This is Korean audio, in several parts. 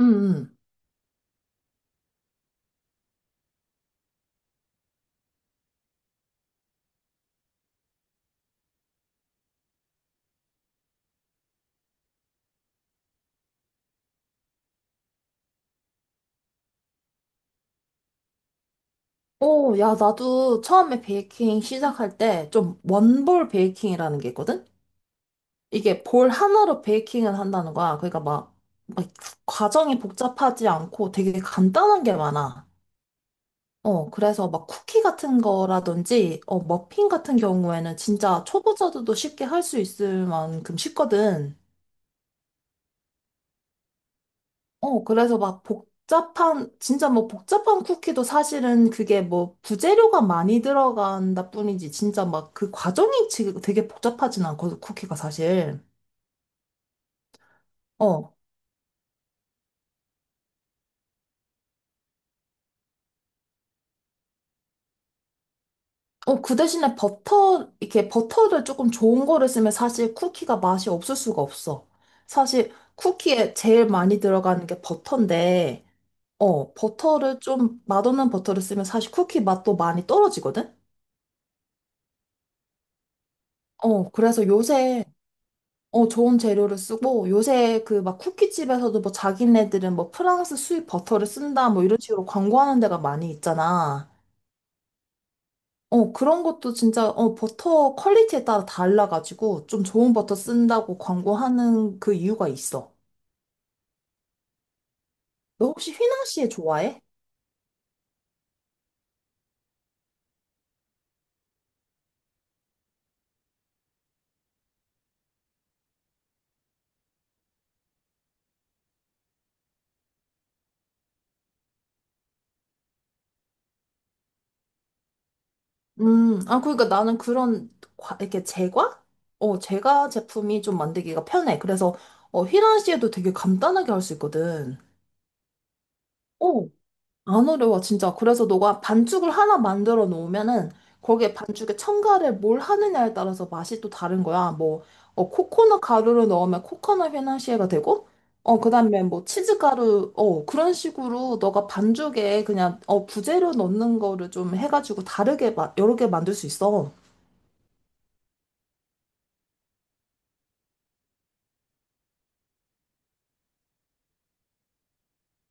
응, 응. 오, 야, 나도 처음에 베이킹 시작할 때 좀 원볼 베이킹이라는 게 있거든? 이게 볼 하나로 베이킹을 한다는 거야. 그러니까 막 과정이 복잡하지 않고 되게 간단한 게 많아. 그래서 막 쿠키 같은 거라든지, 머핀 같은 경우에는 진짜 초보자들도 쉽게 할 수 있을 만큼 쉽거든. 그래서 막 진짜 뭐 복잡한 쿠키도 사실은 그게 뭐 부재료가 많이 들어간다 뿐이지, 진짜 막 그 과정이 지금 되게 복잡하진 않거든, 쿠키가 사실. 어. 그 대신에 버터, 이렇게 버터를 조금 좋은 거를 쓰면 사실 쿠키가 맛이 없을 수가 없어. 사실 쿠키에 제일 많이 들어가는 게 버터인데, 버터를 좀 맛없는 버터를 쓰면 사실 쿠키 맛도 많이 떨어지거든? 그래서 요새 좋은 재료를 쓰고 요새 그 막 쿠키집에서도 뭐 자기네들은 뭐 프랑스 수입 버터를 쓴다 뭐 이런 식으로 광고하는 데가 많이 있잖아. 그런 것도 진짜 버터 퀄리티에 따라 달라가지고 좀 좋은 버터 쓴다고 광고하는 그 이유가 있어. 너 혹시 휘낭시에 좋아해? 아, 그러니까 나는 그런 이렇게 제과? 제과 제품이 좀 만들기가 편해. 그래서 휘낭시에도 되게 간단하게 할 수 있거든. 어, 안 어려워, 진짜. 그래서 너가 반죽을 하나 만들어 놓으면은 거기에 반죽에 첨가를 뭘 하느냐에 따라서 맛이 또 다른 거야. 뭐, 코코넛 가루를 넣으면 코코넛 휘낭시에가 되고, 그 다음에 뭐 치즈 가루, 그런 식으로 너가 반죽에 그냥, 부재료 넣는 거를 좀 해가지고 다르게, 여러 개 만들 수 있어.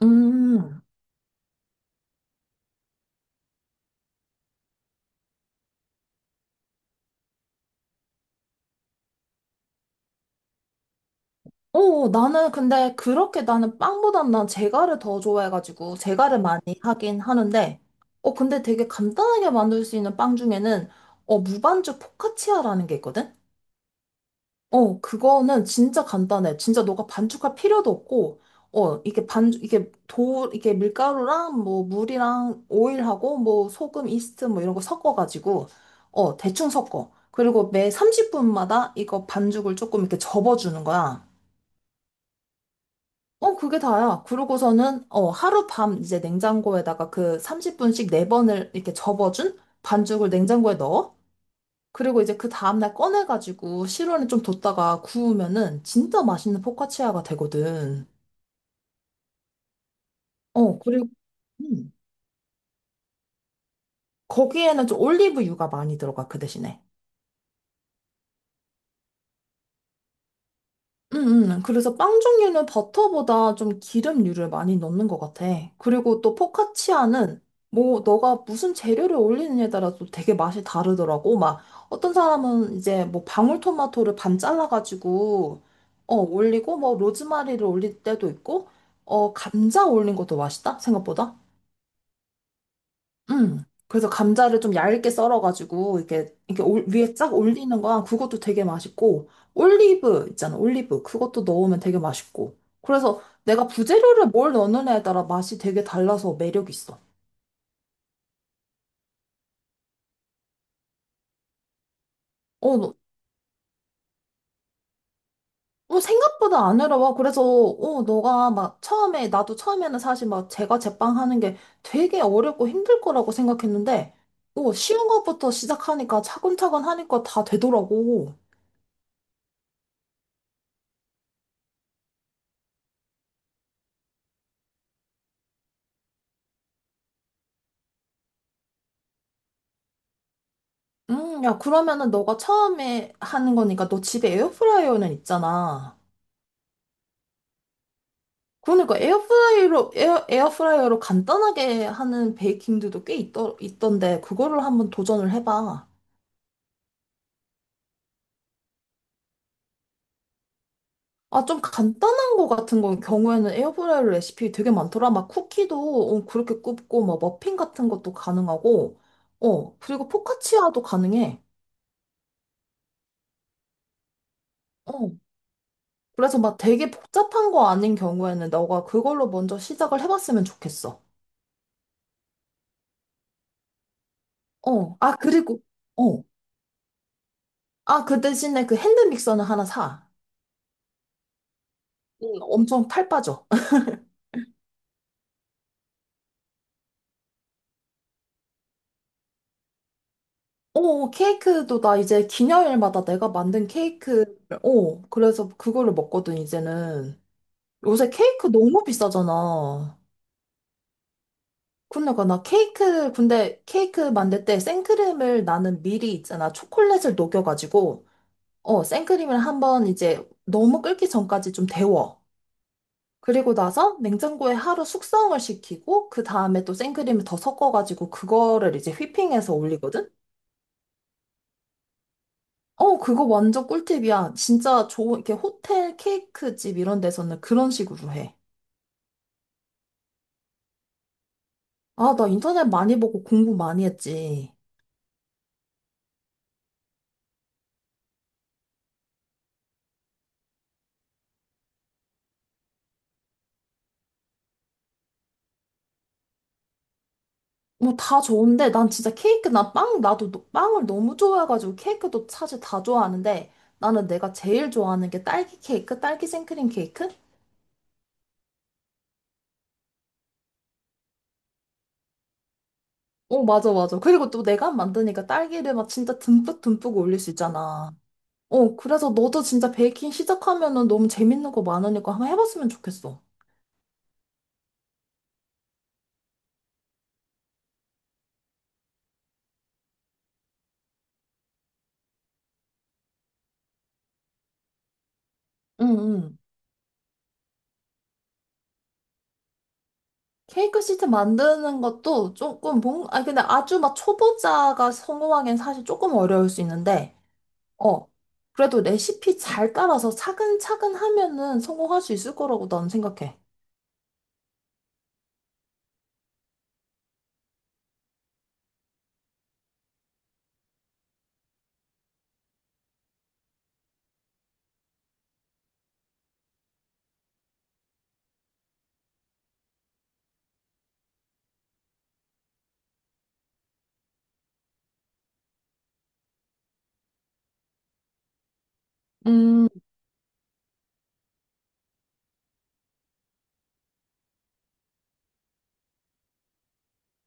음. 나는 근데 그렇게 나는 빵보단 난 제가를 더 좋아해가지고 제가를 많이 하긴 하는데, 근데 되게 간단하게 만들 수 있는 빵 중에는, 무반죽 포카치아라는 게 있거든? 그거는 진짜 간단해. 진짜 너가 반죽할 필요도 없고, 이게 이게 밀가루랑 뭐 물이랑 오일하고 뭐 소금, 이스트 뭐 이런 거 섞어가지고, 대충 섞어. 그리고 매 30분마다 이거 반죽을 조금 이렇게 접어주는 거야. 그게 다야. 그러고서는, 하룻밤 이제 냉장고에다가 그 30분씩 네번을 이렇게 접어준 반죽을 냉장고에 넣어. 그리고 이제 그 다음날 꺼내가지고 실온에 좀 뒀다가 구우면은 진짜 맛있는 포카치아가 되거든. 어, 그리고, 음, 거기에는 좀 올리브유가 많이 들어가, 그 대신에. 그래서 빵 종류는 버터보다 좀 기름류를 많이 넣는 것 같아. 그리고 또 포카치아는 뭐 너가 무슨 재료를 올리느냐에 따라 또 되게 맛이 다르더라고. 막 어떤 사람은 이제 뭐 방울토마토를 반 잘라가지고 올리고 뭐 로즈마리를 올릴 때도 있고 감자 올린 것도 맛있다 생각보다. 음. 그래서 감자를 좀 얇게 썰어가지고 이렇게 이렇게 위에 쫙 올리는 거야. 그것도 되게 맛있고 올리브 있잖아. 올리브 그것도 넣으면 되게 맛있고. 그래서 내가 부재료를 뭘 넣느냐에 따라 맛이 되게 달라서 매력 있어. 어, 너- 생각보다 안 어려워. 그래서 너가 막 처음에 나도 처음에는 사실 막 제가 제빵하는 게 되게 어렵고 힘들 거라고 생각했는데 쉬운 것부터 시작하니까 차근차근 하니까 다 되더라고. 야, 그러면은 너가 처음에 하는 거니까 너 집에 에어프라이어는 있잖아. 그러니까 에어프라이어로, 에어프라이어로 간단하게 하는 베이킹들도 꽤 있던데, 그거를 한번 도전을 해봐. 아, 좀 간단한 거 같은 거 경우에는 에어프라이어 레시피 되게 많더라. 막 쿠키도 그렇게 굽고, 막 머핀 같은 것도 가능하고, 그리고 포카치아도 가능해. 어, 그래서 막 되게 복잡한 거 아닌 경우에는 너가 그걸로 먼저 시작을 해봤으면 좋겠어. 어, 아, 그리고, 어. 아, 그 대신에 그 핸드 믹서는 하나 사. 응. 엄청 탈 빠져. 케이크도 나 이제 기념일마다 내가 만든 케이크, 그래서 그거를 먹거든, 이제는. 요새 케이크 너무 비싸잖아. 그러니까 근데 케이크 만들 때 생크림을 나는 미리 있잖아. 초콜릿을 녹여가지고, 생크림을 한번 이제 너무 끓기 전까지 좀 데워. 그리고 나서 냉장고에 하루 숙성을 시키고 그 다음에 또 생크림을 더 섞어가지고 그거를 이제 휘핑해서 올리거든? 그거 완전 꿀팁이야. 진짜 좋은, 이렇게 호텔 케이크 집 이런 데서는 그런 식으로 해. 아, 나 인터넷 많이 보고 공부 많이 했지. 뭐 다 좋은데 난 진짜 케이크, 나 빵, 나도 빵을 너무 좋아해가지고 케이크도 사실 다 좋아하는데 나는 내가 제일 좋아하는 게 딸기 케이크, 딸기 생크림 케이크? 어, 맞아, 맞아. 그리고 또 내가 만드니까 딸기를 막 진짜 듬뿍 듬뿍 올릴 수 있잖아. 그래서 너도 진짜 베이킹 시작하면은 너무 재밌는 거 많으니까 한번 해봤으면 좋겠어. 응, 응. 케이크 시트 만드는 것도 조금 근데 아주 막 초보자가 성공하기엔 사실 조금 어려울 수 있는데, 어, 그래도 레시피 잘 따라서 차근차근 하면은 성공할 수 있을 거라고 나는 생각해. 음.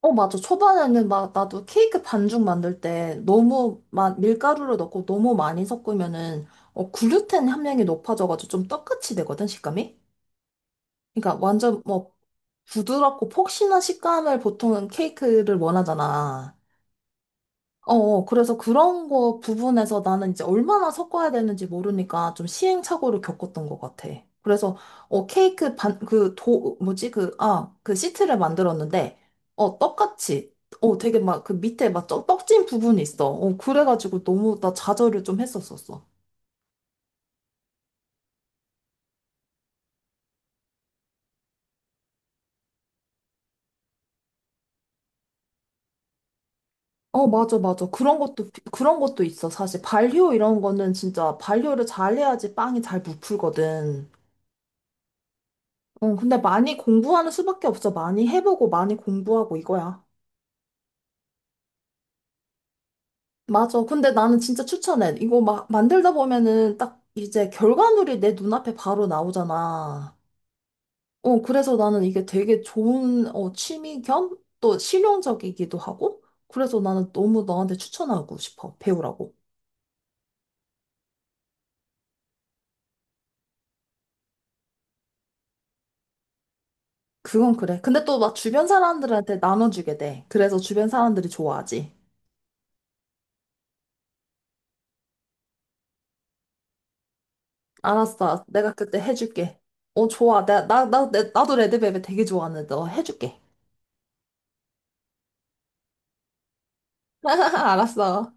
어, 맞아. 초반에는 막 나도 케이크 반죽 만들 때 너무 막 밀가루를 넣고 너무 많이 섞으면은 글루텐 함량이 높아져가지고 좀 떡같이 되거든, 식감이? 그러니까 완전 뭐 부드럽고 폭신한 식감을 보통은 케이크를 원하잖아. 그래서 그런 거 부분에서 나는 이제 얼마나 섞어야 되는지 모르니까 좀 시행착오를 겪었던 것 같아. 그래서, 케이크 반, 그 도, 뭐지, 그, 아, 그 시트를 만들었는데, 떡같이, 되게 막 그 밑에 막 떡진 부분이 있어. 그래가지고 너무 나 좌절을 좀 했었었어. 어, 맞아, 맞아. 그런 것도, 그런 것도 있어. 사실 발효 이런 거는 진짜 발효를 잘 해야지 빵이 잘 부풀거든. 근데 많이 공부하는 수밖에 없어. 많이 해보고 많이 공부하고 이거야. 맞아. 근데 나는 진짜 추천해. 이거 막 만들다 보면은 딱 이제 결과물이 내 눈앞에 바로 나오잖아. 그래서 나는 이게 되게 좋은 취미 겸 또 실용적이기도 하고. 그래서 나는 너무 너한테 추천하고 싶어. 배우라고. 그건 그래. 근데 또 막 주변 사람들한테 나눠주게 돼. 그래서 주변 사람들이 좋아하지. 알았어. 내가 그때 해줄게. 좋아. 나도 레드벨벳 되게 좋아하는데 너 해줄게. 알았어.